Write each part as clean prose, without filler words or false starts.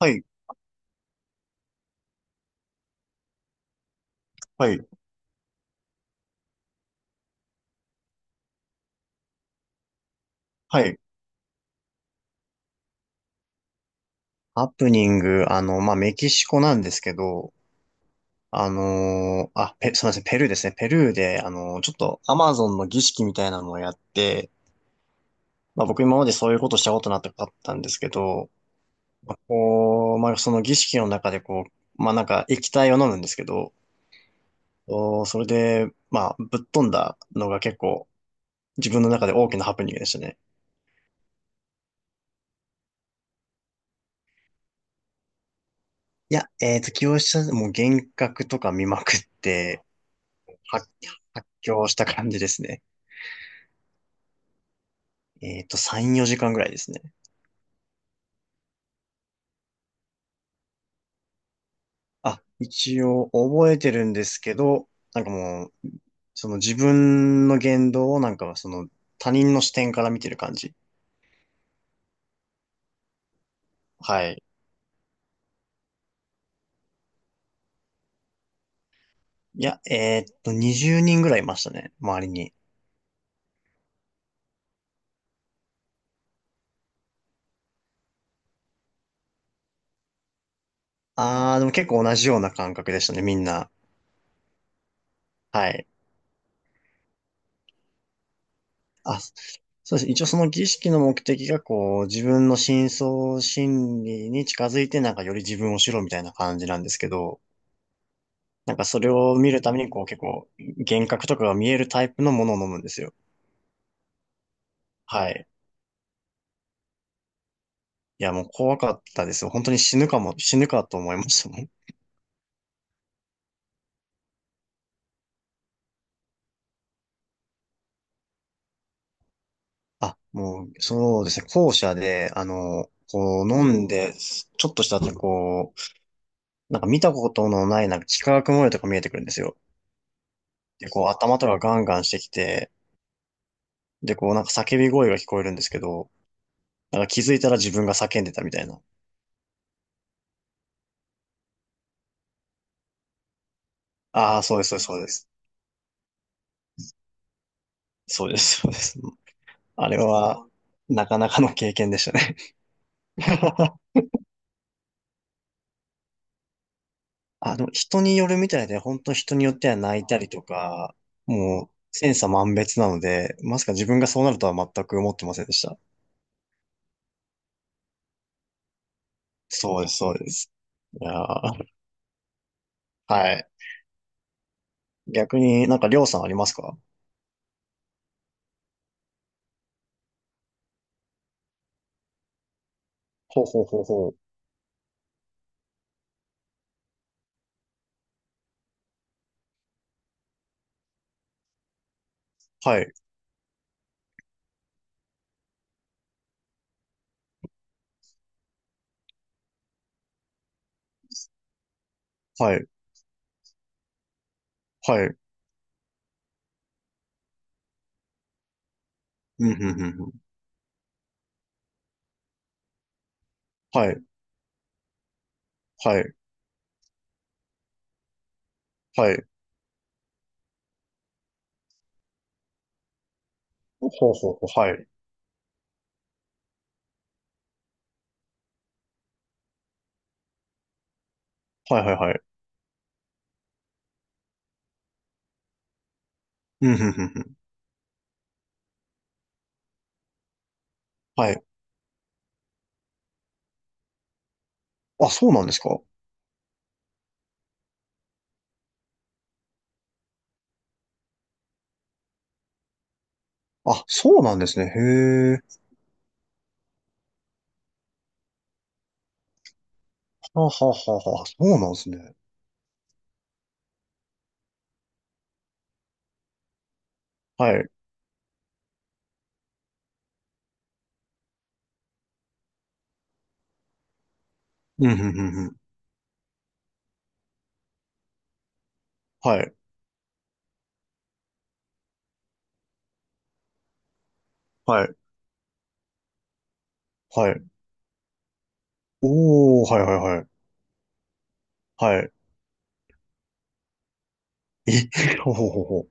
はい、はい、はい。ハプニング、まあ、メキシコなんですけど、すみません、ペルーですね。ペルーで、ちょっとアマゾンの儀式みたいなのをやって、まあ、僕今までそういうことしたことなかったんですけど、その儀式の中でなんか液体を飲むんですけど、おーそれで、まあ、ぶっ飛んだのが結構自分の中で大きなハプニングでしたね。いや、起用した、もう幻覚とか見まくって、発、発狂した感じですね。3、4時間ぐらいですね。あ、一応覚えてるんですけど、なんかもう、その自分の言動をなんかその他人の視点から見てる感じ。はい。いや、20人ぐらいいましたね、周りに。あー、でも結構同じような感覚でしたね、みんな。はい。あ、そうです。一応その儀式の目的がこう、自分の深層心理に近づいてなんかより自分を知ろうみたいな感じなんですけど、なんかそれを見るためにこう結構幻覚とかが見えるタイプのものを飲むんですよ。はい。いやもう怖かったですよ。本当に死ぬかも、死ぬかと思いましたもん。あ、もうそうですね。校舎で、あの、こう飲んで、ちょっとした後こう、なんか見たことのないなんか幾何学模様とか見えてくるんですよ。で、こう頭とかガンガンしてきて、で、こうなんか叫び声が聞こえるんですけど、なんか気づいたら自分が叫んでたみたいな。ああ、そうです、そうです、そうです。そうです、そうです。あれは、なかなかの経験でしたね。あの、人によるみたいで、本当人によっては泣いたりとか、もう、千差万別なので、まさか自分がそうなるとは全く思ってませんでした。そうです、そうです。いやー、はい。逆になんか、りょうさんありますか？ほうほうほうほう。はい、はい、はい。うん、ふんふんふん。はい、はい、はい。ほうほうほう。はい、はい、はい、はい。うん、ふんふんふん。はい。あ、そうなんですか？あ、そうなんですね。へえ。はあはあはあはあ。そうなんですね。はい。うん、ふんふんふん。はい。はいはい。おー、はいはいはい。はい。え、ほうほうほうほ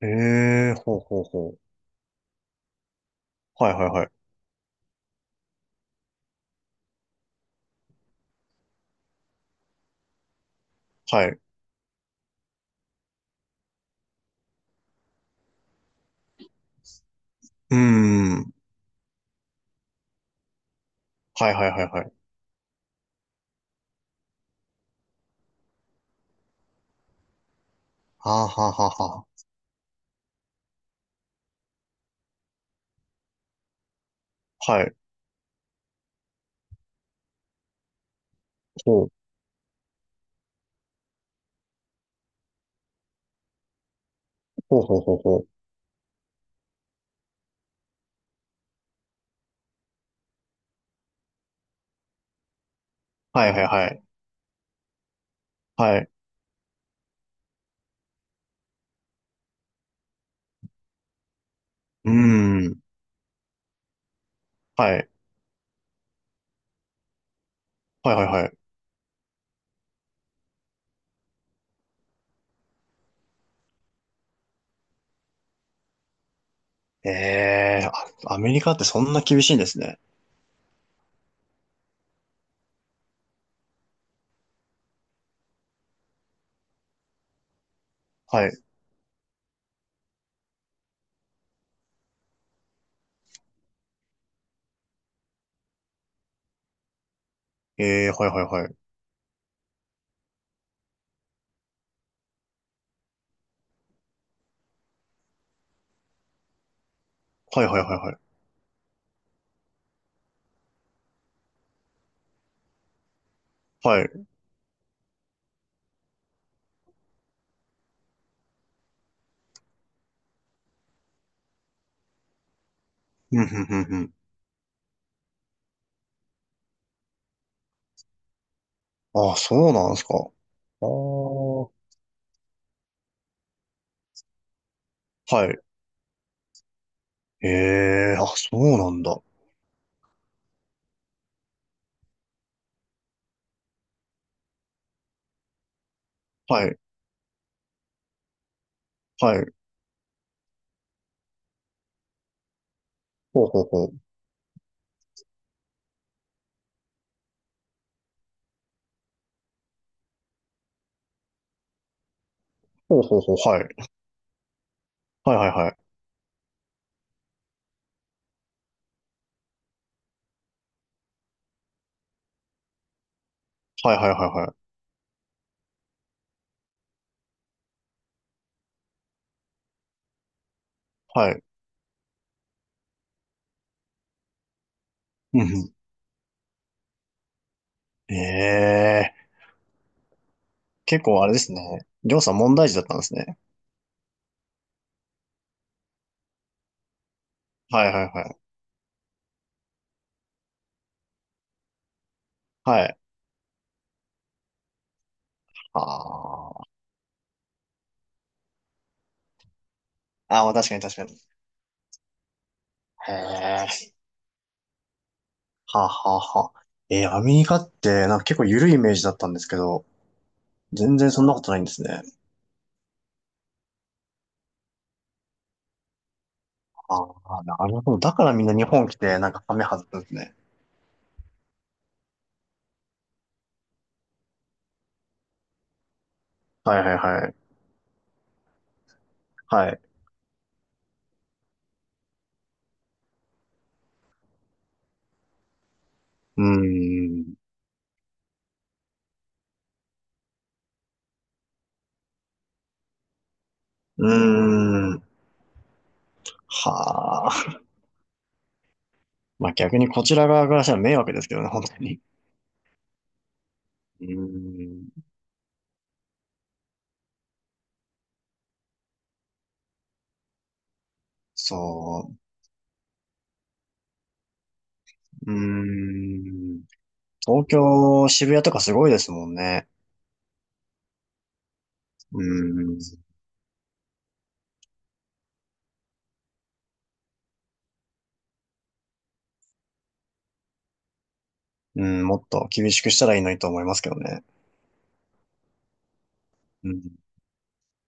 う。えー、ほうほうほう。はいはいはい。はい。うーん。はいはいはいはい。はあはあはあはあ。はい。ほう、ほうほうほうほう。はいはいはい。はい。うーん。はい。はいはいはい。えー、あアメリカってそんな厳しいんですね。はい。えー、はいはいはい。はいはいはいはい。はい。うん、ふんふんふん。ああ、そうなんですか。ああ、はい。ええ、あ、そうなんだ。はい。はい。ほうほうほう。ほうほうほう。はい。はいはいはい。はいはいはいはい。はい。うんうん。ええー。結構あれですね。りょうさん問題児だったんですね。はいはいはい。はい。あー、あー、まあ確かに確かに。へえ。はあはあはあ。えー、アメリカってなんか結構緩いイメージだったんですけど、全然そんなことないんですね。ああ、なるほど。だからみんな日本来てなんかハメ外すんですね。はいはいはい。はい。うーん。うーん。はあ。まあ逆にこちら側からしたら迷惑ですけどね、本当に。うーん、そう、うーん、東京、渋谷とかすごいですもんね。うーん、うん、もっと厳しくしたらいいのにと思いますけどね。うん